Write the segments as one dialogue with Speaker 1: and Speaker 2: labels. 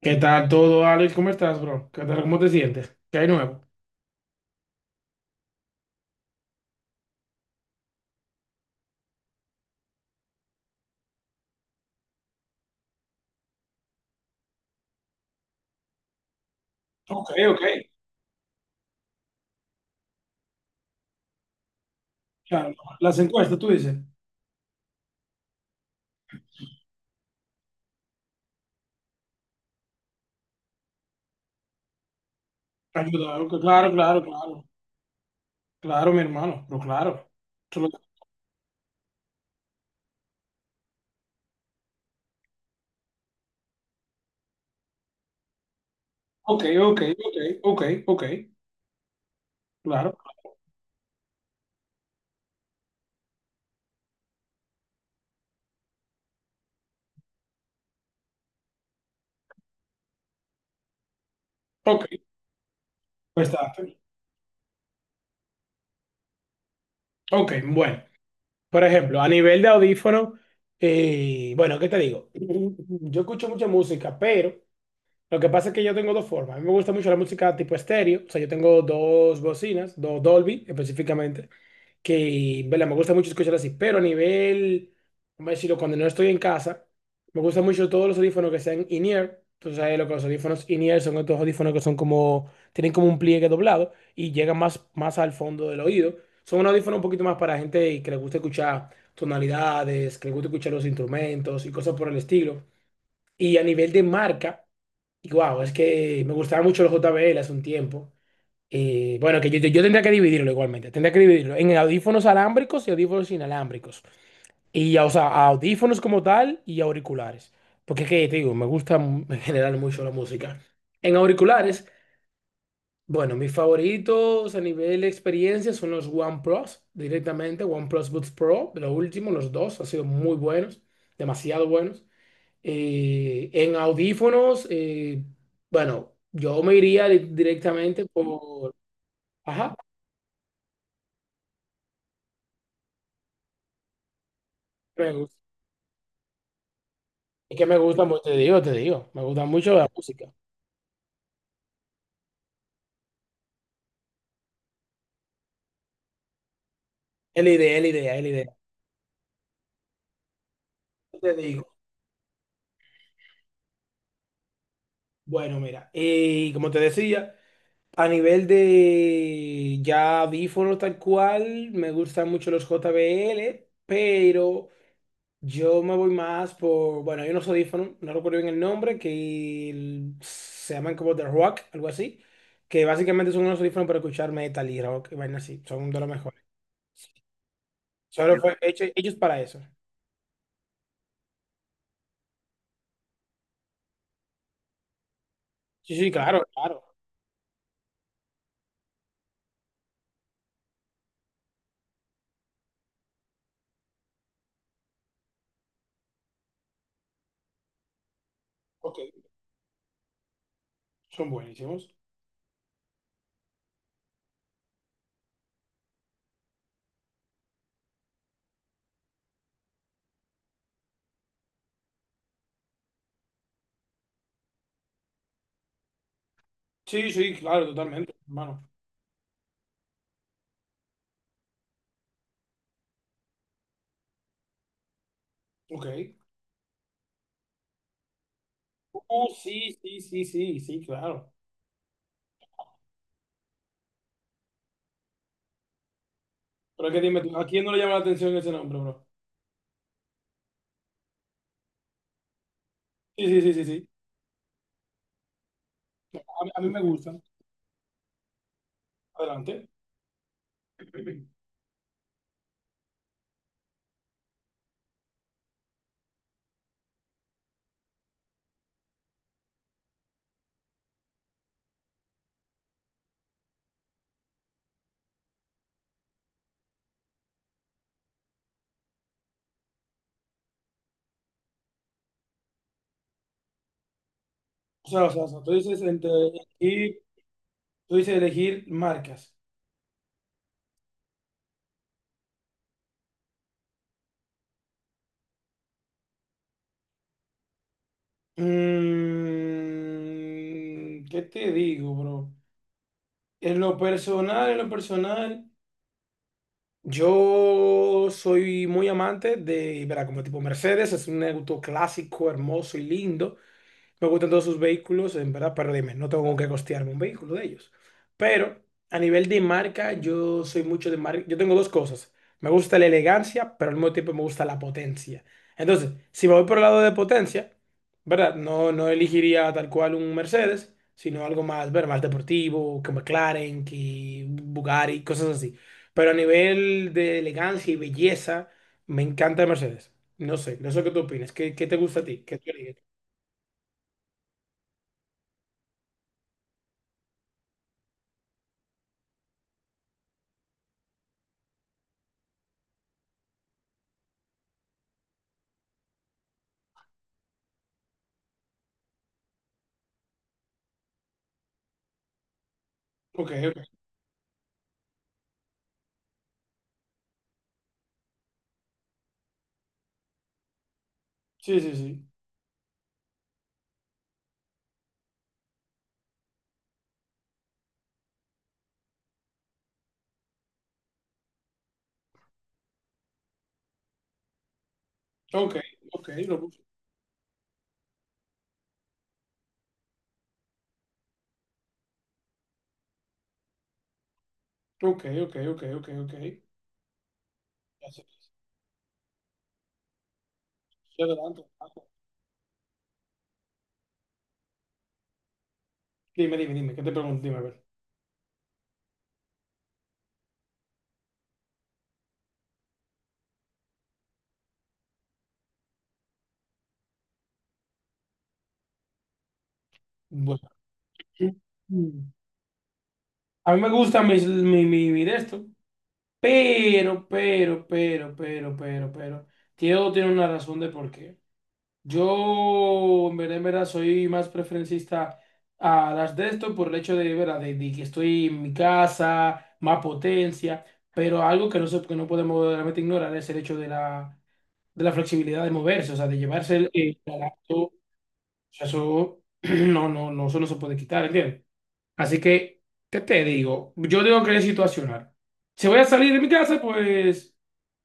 Speaker 1: ¿Qué tal todo, Alex? ¿Cómo estás, bro? ¿Qué tal? ¿Cómo te sientes? ¿Qué hay nuevo? Ok, ok. Claro, las encuestas, tú dices. Ayuda, ok, claro, claro, claro. Claro, mi hermano, pero claro. Solo- Ok, ok, ok, ok, ok. Claro, ok, bastante. Ok, bueno. Por ejemplo, a nivel de audífono, bueno, ¿qué te digo? Yo escucho mucha música, pero lo que pasa es que yo tengo dos formas. A mí me gusta mucho la música tipo estéreo, o sea, yo tengo dos bocinas, dos Dolby específicamente. Que, vela, me gusta mucho escuchar así, pero a nivel, vamos a decirlo, cuando no estoy en casa, me gustan mucho todos los audífonos que sean in-ear. Tú sabes lo que los audífonos in-ear son estos audífonos que son como, tienen como un pliegue doblado y llegan más, más al fondo del oído. Son unos audífonos un poquito más para gente que le gusta escuchar tonalidades, que le gusta escuchar los instrumentos y cosas por el estilo. Y a nivel de marca, y guau, es que me gustaban mucho los JBL hace un tiempo. Bueno, que yo tendría que dividirlo igualmente. Tendría que dividirlo en audífonos alámbricos y audífonos inalámbricos. Y, o sea, audífonos como tal y auriculares. Porque es que, te digo, me gusta en general mucho la música. En auriculares, bueno, mis favoritos a nivel de experiencia son los OnePlus, directamente, OnePlus Buds Pro, de lo último, los dos, han sido muy buenos, demasiado buenos. En audífonos, bueno, yo me iría directamente por... Ajá. Me gusta. Es que me gusta mucho, te digo, me gusta mucho la música. Es la idea, es la idea, es la idea. Te digo. Bueno, mira, y como te decía, a nivel de ya audífonos tal cual, me gustan mucho los JBL, pero yo me voy más por, bueno, hay unos audífonos, no recuerdo bien el nombre, que se llaman como The Rock, algo así, que básicamente son unos audífonos para escuchar metal y rock, y vainas así, son de los mejores. Solo fue hechos para eso. Sí, sí, claro, claro. Ok. Son buenísimos. Sí, sí, claro, totalmente, hermano. Ok. Oh, sí, sí, sí, sí, sí, claro. Pero es que dime tú, ¿a quién no le llama la atención ese nombre, bro? Sí, sí, sí, sí, sí. A mí me gustan. Adelante. O sea, tú dices entre elegir, tú dices elegir marcas. Mm, ¿qué te digo, bro? En lo personal, yo soy muy amante de, verá, como tipo Mercedes, es un auto clásico, hermoso y lindo. Me gustan todos sus vehículos, en verdad, pero dime, no tengo con qué costearme un vehículo de ellos. Pero a nivel de marca, yo soy mucho de marca. Yo tengo dos cosas. Me gusta la elegancia, pero al mismo tiempo me gusta la potencia. Entonces, si me voy por el lado de potencia, ¿verdad? No, no elegiría tal cual un Mercedes, sino algo más, ver, más deportivo, que McLaren, que Bugatti, cosas así. Pero a nivel de elegancia y belleza, me encanta Mercedes. No sé qué tú opinas. ¿Qué, qué te gusta a ti? ¿Qué tú eliges? Ok, sí, sí, sí. Ok, ok, lo puse. Ok, ok, ok, ok, ok. Así que adelante. Dime, ¿qué te pregunto? Dime, a ver. Bueno. Mm. A mí me gusta mi de esto, pero. Todo tiene una razón de por qué. Yo, en verdad, soy más preferencista a las de esto por el hecho de, ¿verdad? De que estoy en mi casa, más potencia, pero algo que que no podemos realmente ignorar es el hecho de de la flexibilidad de moverse, o sea, de llevarse el aparato, o sea, eso no, eso no se puede quitar, ¿entiendes? Así que, ¿qué te digo? Yo digo que es situacional. Si voy a salir de mi casa, pues,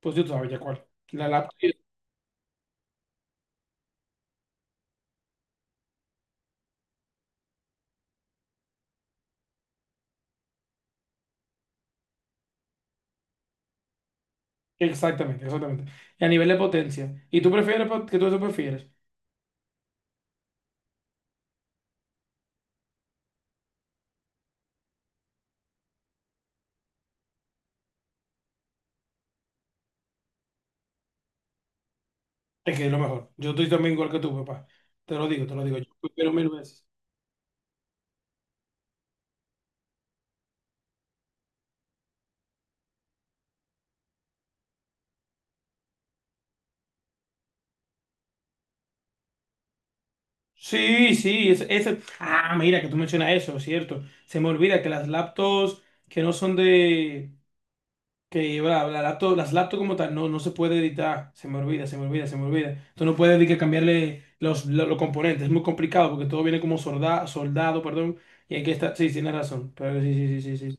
Speaker 1: pues yo sabía cuál. La laptop. Exactamente, exactamente. Y a nivel de potencia. ¿Y tú prefieres, que tú eso prefieres? Es que es lo mejor. Yo estoy también igual que tú, papá. Te lo digo. Yo prefiero mil veces. Sí, sí, ese- Ah, mira, que tú mencionas eso, ¿cierto? Se me olvida que las laptops que no son de... Que bla, bla, las laptops como tal no, no se puede editar. Se me olvida. Tú no puedes ni que cambiarle los componentes. Es muy complicado porque todo viene como soldado, perdón. Y hay que estar... Sí, tienes razón. Pero sí, sí, sí, sí, sí.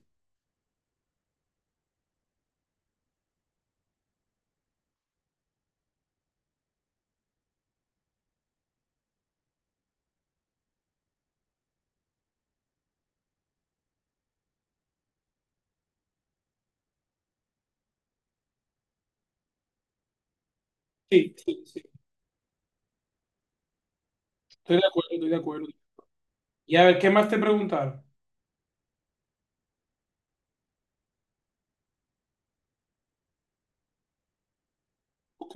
Speaker 1: Sí, sí, estoy de acuerdo, estoy de acuerdo. Y a ver, ¿qué más te preguntaron? Ok,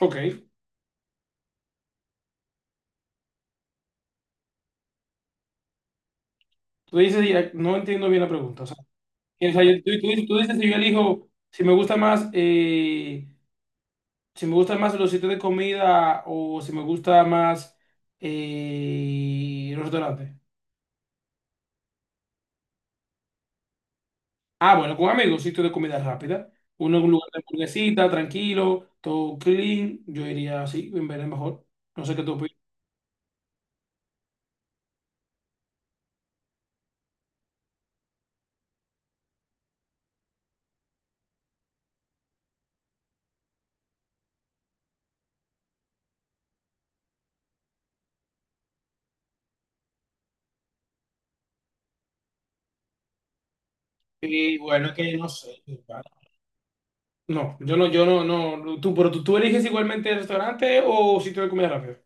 Speaker 1: ok. Tú dices, ya- no entiendo bien la pregunta. O sea, tú dices si yo elijo, si me gusta más, si me gustan más los sitios de comida o si me gusta más los restaurantes. Ah, bueno, con amigos, sitios de comida rápida. Uno en un lugar de hamburguesita, tranquilo, todo clean. Yo iría así, en vez de mejor. No sé qué tú opinas. Y bueno, es que no sé. No, yo no, yo no, No. Pero tú, tú eliges igualmente el restaurante o sitio de comida rápida.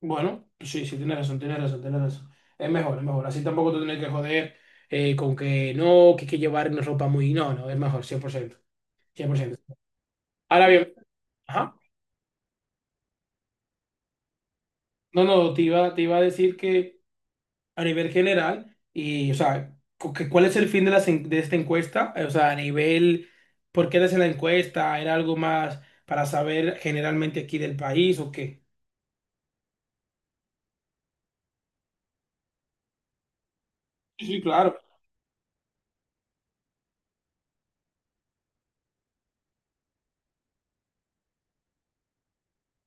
Speaker 1: Bueno, sí, sí, tienes razón. Es mejor, es mejor. Así tampoco te tienes que joder con que no, que hay que llevar una ropa muy. No, no, es mejor, cien por ciento. Ahora bien, ajá. No, te iba a decir que a nivel general, o sea, ¿cuál es el fin de, de esta encuesta? O sea, a nivel. ¿Por qué eres en la encuesta? ¿Era algo más para saber generalmente aquí del país o qué? Sí, claro.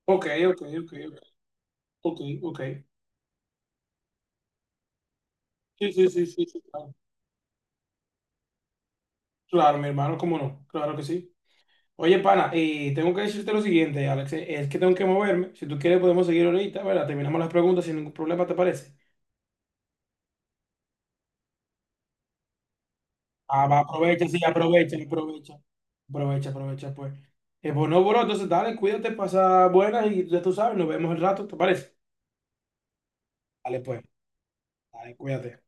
Speaker 1: Ok, ok, ok, ok, ok. Sí, sí, sí, sí, sí, claro. Claro, mi hermano, cómo no, claro que sí. Oye, pana, tengo que decirte lo siguiente, Alex, es que tengo que moverme. Si tú quieres podemos seguir ahorita, ¿verdad? Terminamos las preguntas sin ningún problema, ¿te parece? Ah, va, aprovecha, sí, aprovecha. Aprovecha, pues. Pues no, bro, entonces dale, cuídate, pasa buenas y ya tú sabes, nos vemos el rato, ¿te parece? Dale, pues, dale, cuídate.